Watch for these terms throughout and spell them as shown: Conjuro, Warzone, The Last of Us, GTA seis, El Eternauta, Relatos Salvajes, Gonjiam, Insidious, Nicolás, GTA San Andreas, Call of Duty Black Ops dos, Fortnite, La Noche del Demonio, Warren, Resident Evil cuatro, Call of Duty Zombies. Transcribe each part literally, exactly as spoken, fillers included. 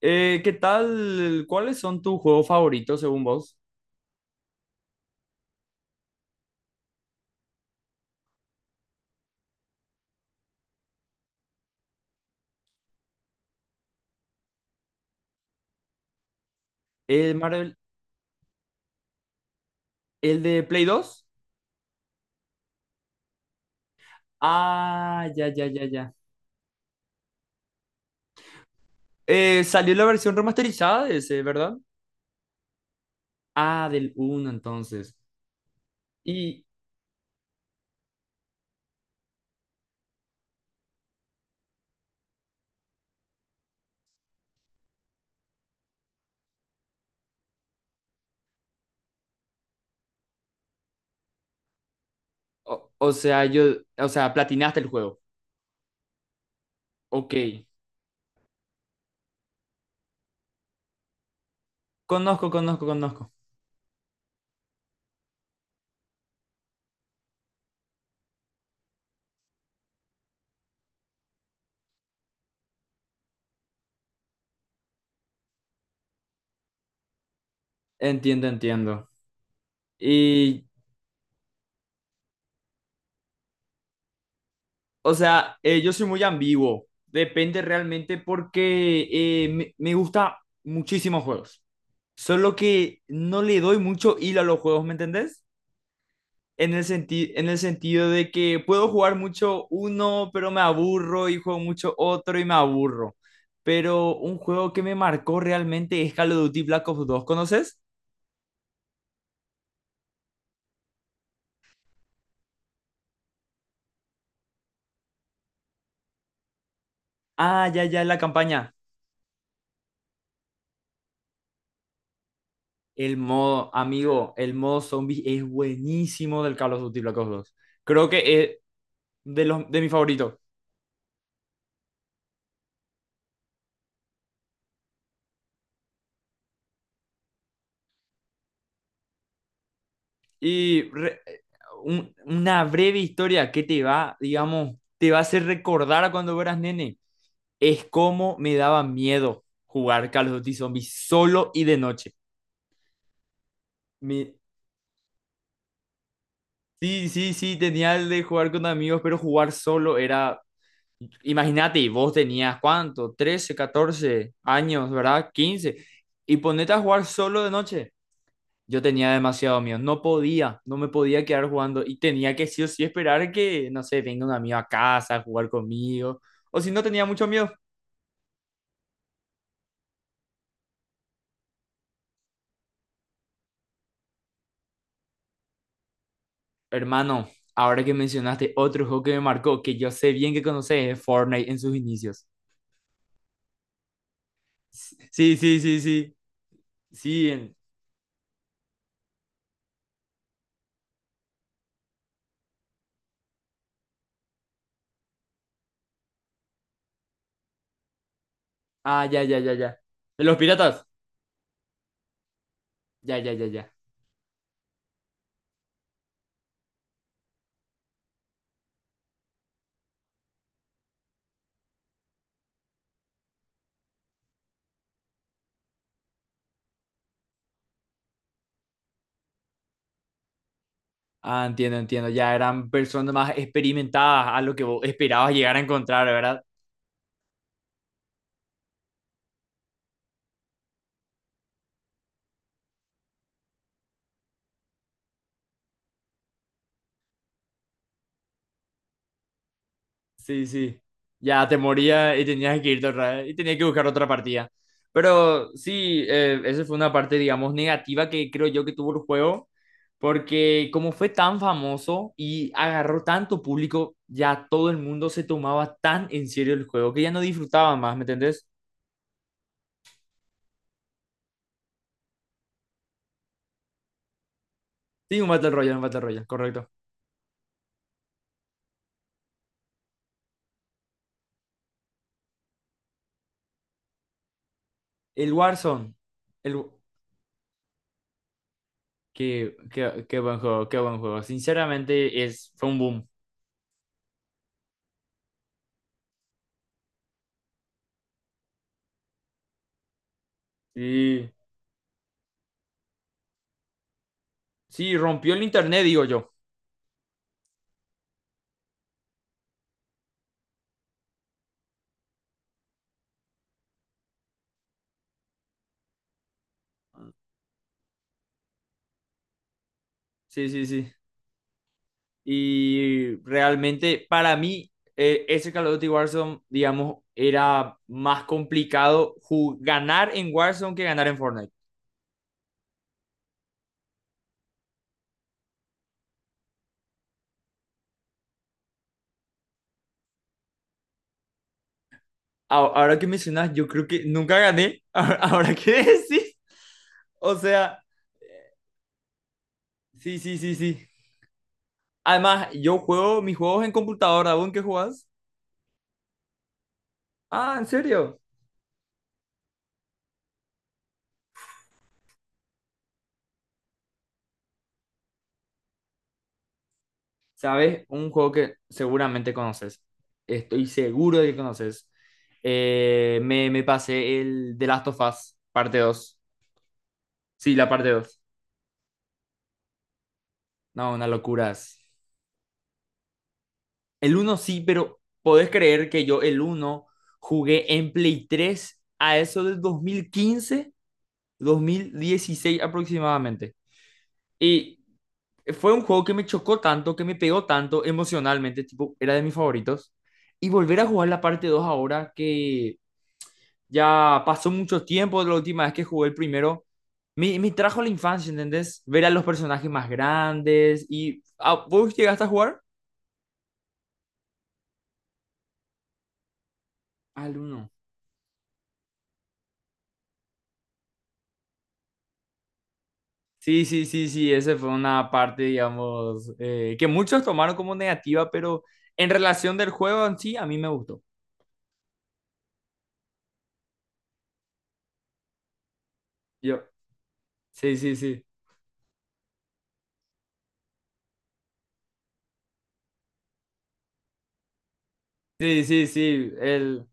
Eh, ¿qué tal? ¿Cuáles son tus juegos favoritos según vos? El Marvel, el de Play dos. Ah, ya, ya, ya, ya. Eh, salió la versión remasterizada de ese, ¿verdad? Ah, del uno, entonces. Y, o, o sea, yo, o sea, platinaste el juego. Ok. Conozco, conozco, conozco. Entiendo, entiendo. Y, o sea, eh, yo soy muy ambiguo. Depende realmente porque eh, me, me gusta muchísimos juegos. Solo que no le doy mucho hilo a los juegos, ¿me entendés? En el senti- en el sentido de que puedo jugar mucho uno, pero me aburro y juego mucho otro y me aburro. Pero un juego que me marcó realmente es Call of Duty Black Ops dos, ¿conoces? Ah, ya, ya, la campaña. El modo, amigo, el modo zombie es buenísimo del Call of Duty Black Ops dos. Creo que es de los de mis favoritos. Y re- un- una breve historia que te va, digamos, te va a hacer recordar a cuando eras nene. Es como me daba miedo jugar Call of Duty Zombies solo y de noche. Me- Sí, sí, sí, tenía el de jugar con amigos, pero jugar solo era... Imagínate, y vos tenías cuánto, ¿trece catorce años, ¿verdad? Quince. Y ponete a jugar solo de noche. Yo tenía demasiado miedo, no podía, no me podía quedar jugando y tenía que sí o sí esperar que, no sé, venga un amigo a casa a jugar conmigo, o si no tenía mucho miedo. Hermano, ahora que mencionaste otro juego que me marcó, que yo sé bien que conoces, es Fortnite en sus inicios. Sí, sí, sí, sí, sí, en- Ah, ya, ya, ya, ya. ¿De los piratas? Ya, ya, ya, ya. Ah, entiendo, entiendo, ya eran personas más experimentadas a lo que vos esperabas llegar a encontrar, ¿verdad? Sí, sí. Ya te moría y tenías que irte otra vez y tenías que buscar otra partida. Pero sí, eh, esa fue una parte, digamos, negativa que creo yo que tuvo el juego, porque como fue tan famoso y agarró tanto público, ya todo el mundo se tomaba tan en serio el juego que ya no disfrutaba más, ¿me entendés? Sí, un Battle Royale, un Battle Royale, correcto. El Warzone, el... Qué, qué, qué buen juego, qué buen juego. Sinceramente, es, fue un boom. Sí, sí, rompió el internet, digo yo. Sí, sí, sí. Y realmente para mí eh, ese Call of Duty Warzone, digamos, era más complicado ganar en Warzone que ganar en Fortnite. A- Ahora que mencionas, yo creo que nunca gané. Ahora que decís. O sea, sí, sí, sí, sí. Además, yo juego mis juegos en computadora. ¿Aún qué jugás? Ah, ¿en serio? ¿Sabes? Un juego que seguramente conoces. Estoy seguro de que conoces. Eh, me, me pasé el The Last of Us, parte dos. Sí, la parte dos. No, una locura es. El uno sí, pero podés creer que yo el uno jugué en Play tres a eso del dos mil quince, dos mil dieciséis aproximadamente. Y fue un juego que me chocó tanto, que me pegó tanto emocionalmente, tipo, era de mis favoritos. Y volver a jugar la parte dos ahora que ya pasó mucho tiempo de la última vez que jugué el primero, me, me trajo a la infancia, ¿entendés? Ver a los personajes más grandes y... ah, ¿vos llegaste a jugar? ¿Al uno? Sí, sí, sí, sí, esa fue una parte, digamos, eh, que muchos tomaron como negativa, pero en relación del juego en sí, a mí me gustó. Yo, sí, sí, sí, sí, sí, sí, el,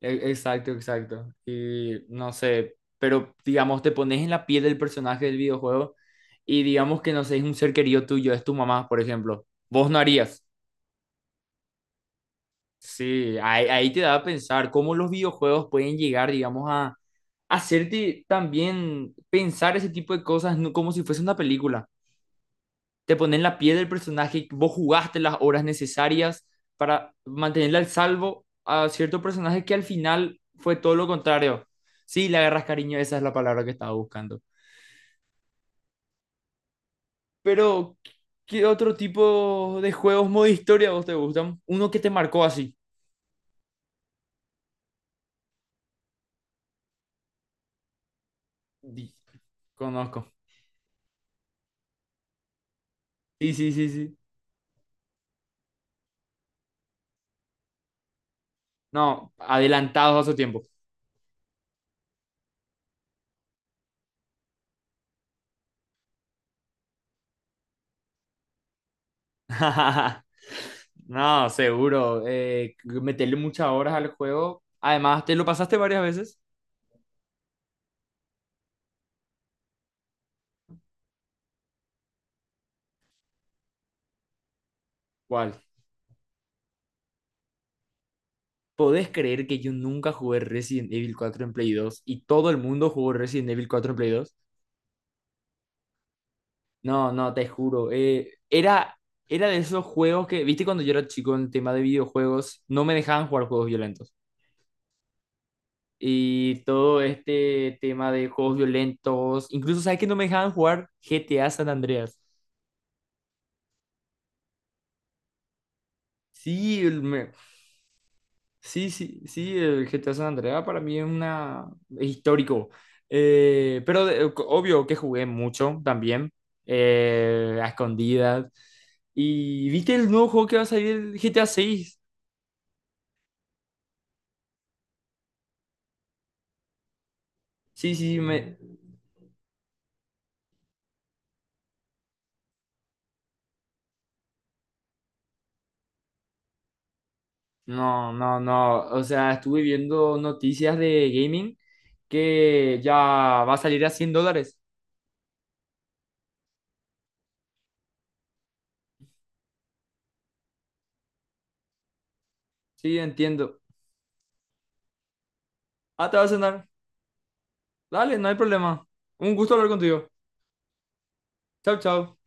e- exacto, exacto. Y no sé, pero digamos, te pones en la piel del personaje del videojuego y digamos que no sé, es un ser querido tuyo, es tu mamá, por ejemplo. Vos no harías. Sí, ahí, ahí te da a pensar cómo los videojuegos pueden llegar, digamos, a hacerte también pensar ese tipo de cosas no- como si fuese una película. Te ponen la piel del personaje, vos jugaste las horas necesarias para mantenerle al salvo a cierto personaje que al final fue todo lo contrario. Sí, le agarras cariño, esa es la palabra que estaba buscando. Pero, ¿qué otro tipo de juegos modo historia a vos te gustan? Uno que te marcó así. Di- Conozco. Sí, sí, sí, sí. No, adelantados a su tiempo. No, seguro. Eh, meterle muchas horas al juego. Además, ¿te lo pasaste varias veces? ¿Cuál? ¿Podés creer que yo nunca jugué Resident Evil cuatro en Play dos y todo el mundo jugó Resident Evil cuatro en Play dos? No, no, te juro. eh, era, era de esos juegos que, viste, cuando yo era chico en el tema de videojuegos, no me dejaban jugar juegos violentos. Y todo este tema de juegos violentos, incluso, ¿sabes que no me dejaban jugar G T A San Andreas? Sí, el me- sí, sí, sí, el G T A San Andreas para mí es una es histórico. Eh, pero de- obvio que jugué mucho también, eh, a escondidas. ¿Y viste el nuevo juego que va a salir, el GTA seis? Sí, sí, sí, me... No, no, no. O sea, estuve viendo noticias de gaming que ya va a salir a cien dólares. Sí, entiendo. Ah, te va a cenar. Dale, no hay problema. Un gusto hablar contigo. Chao, chao.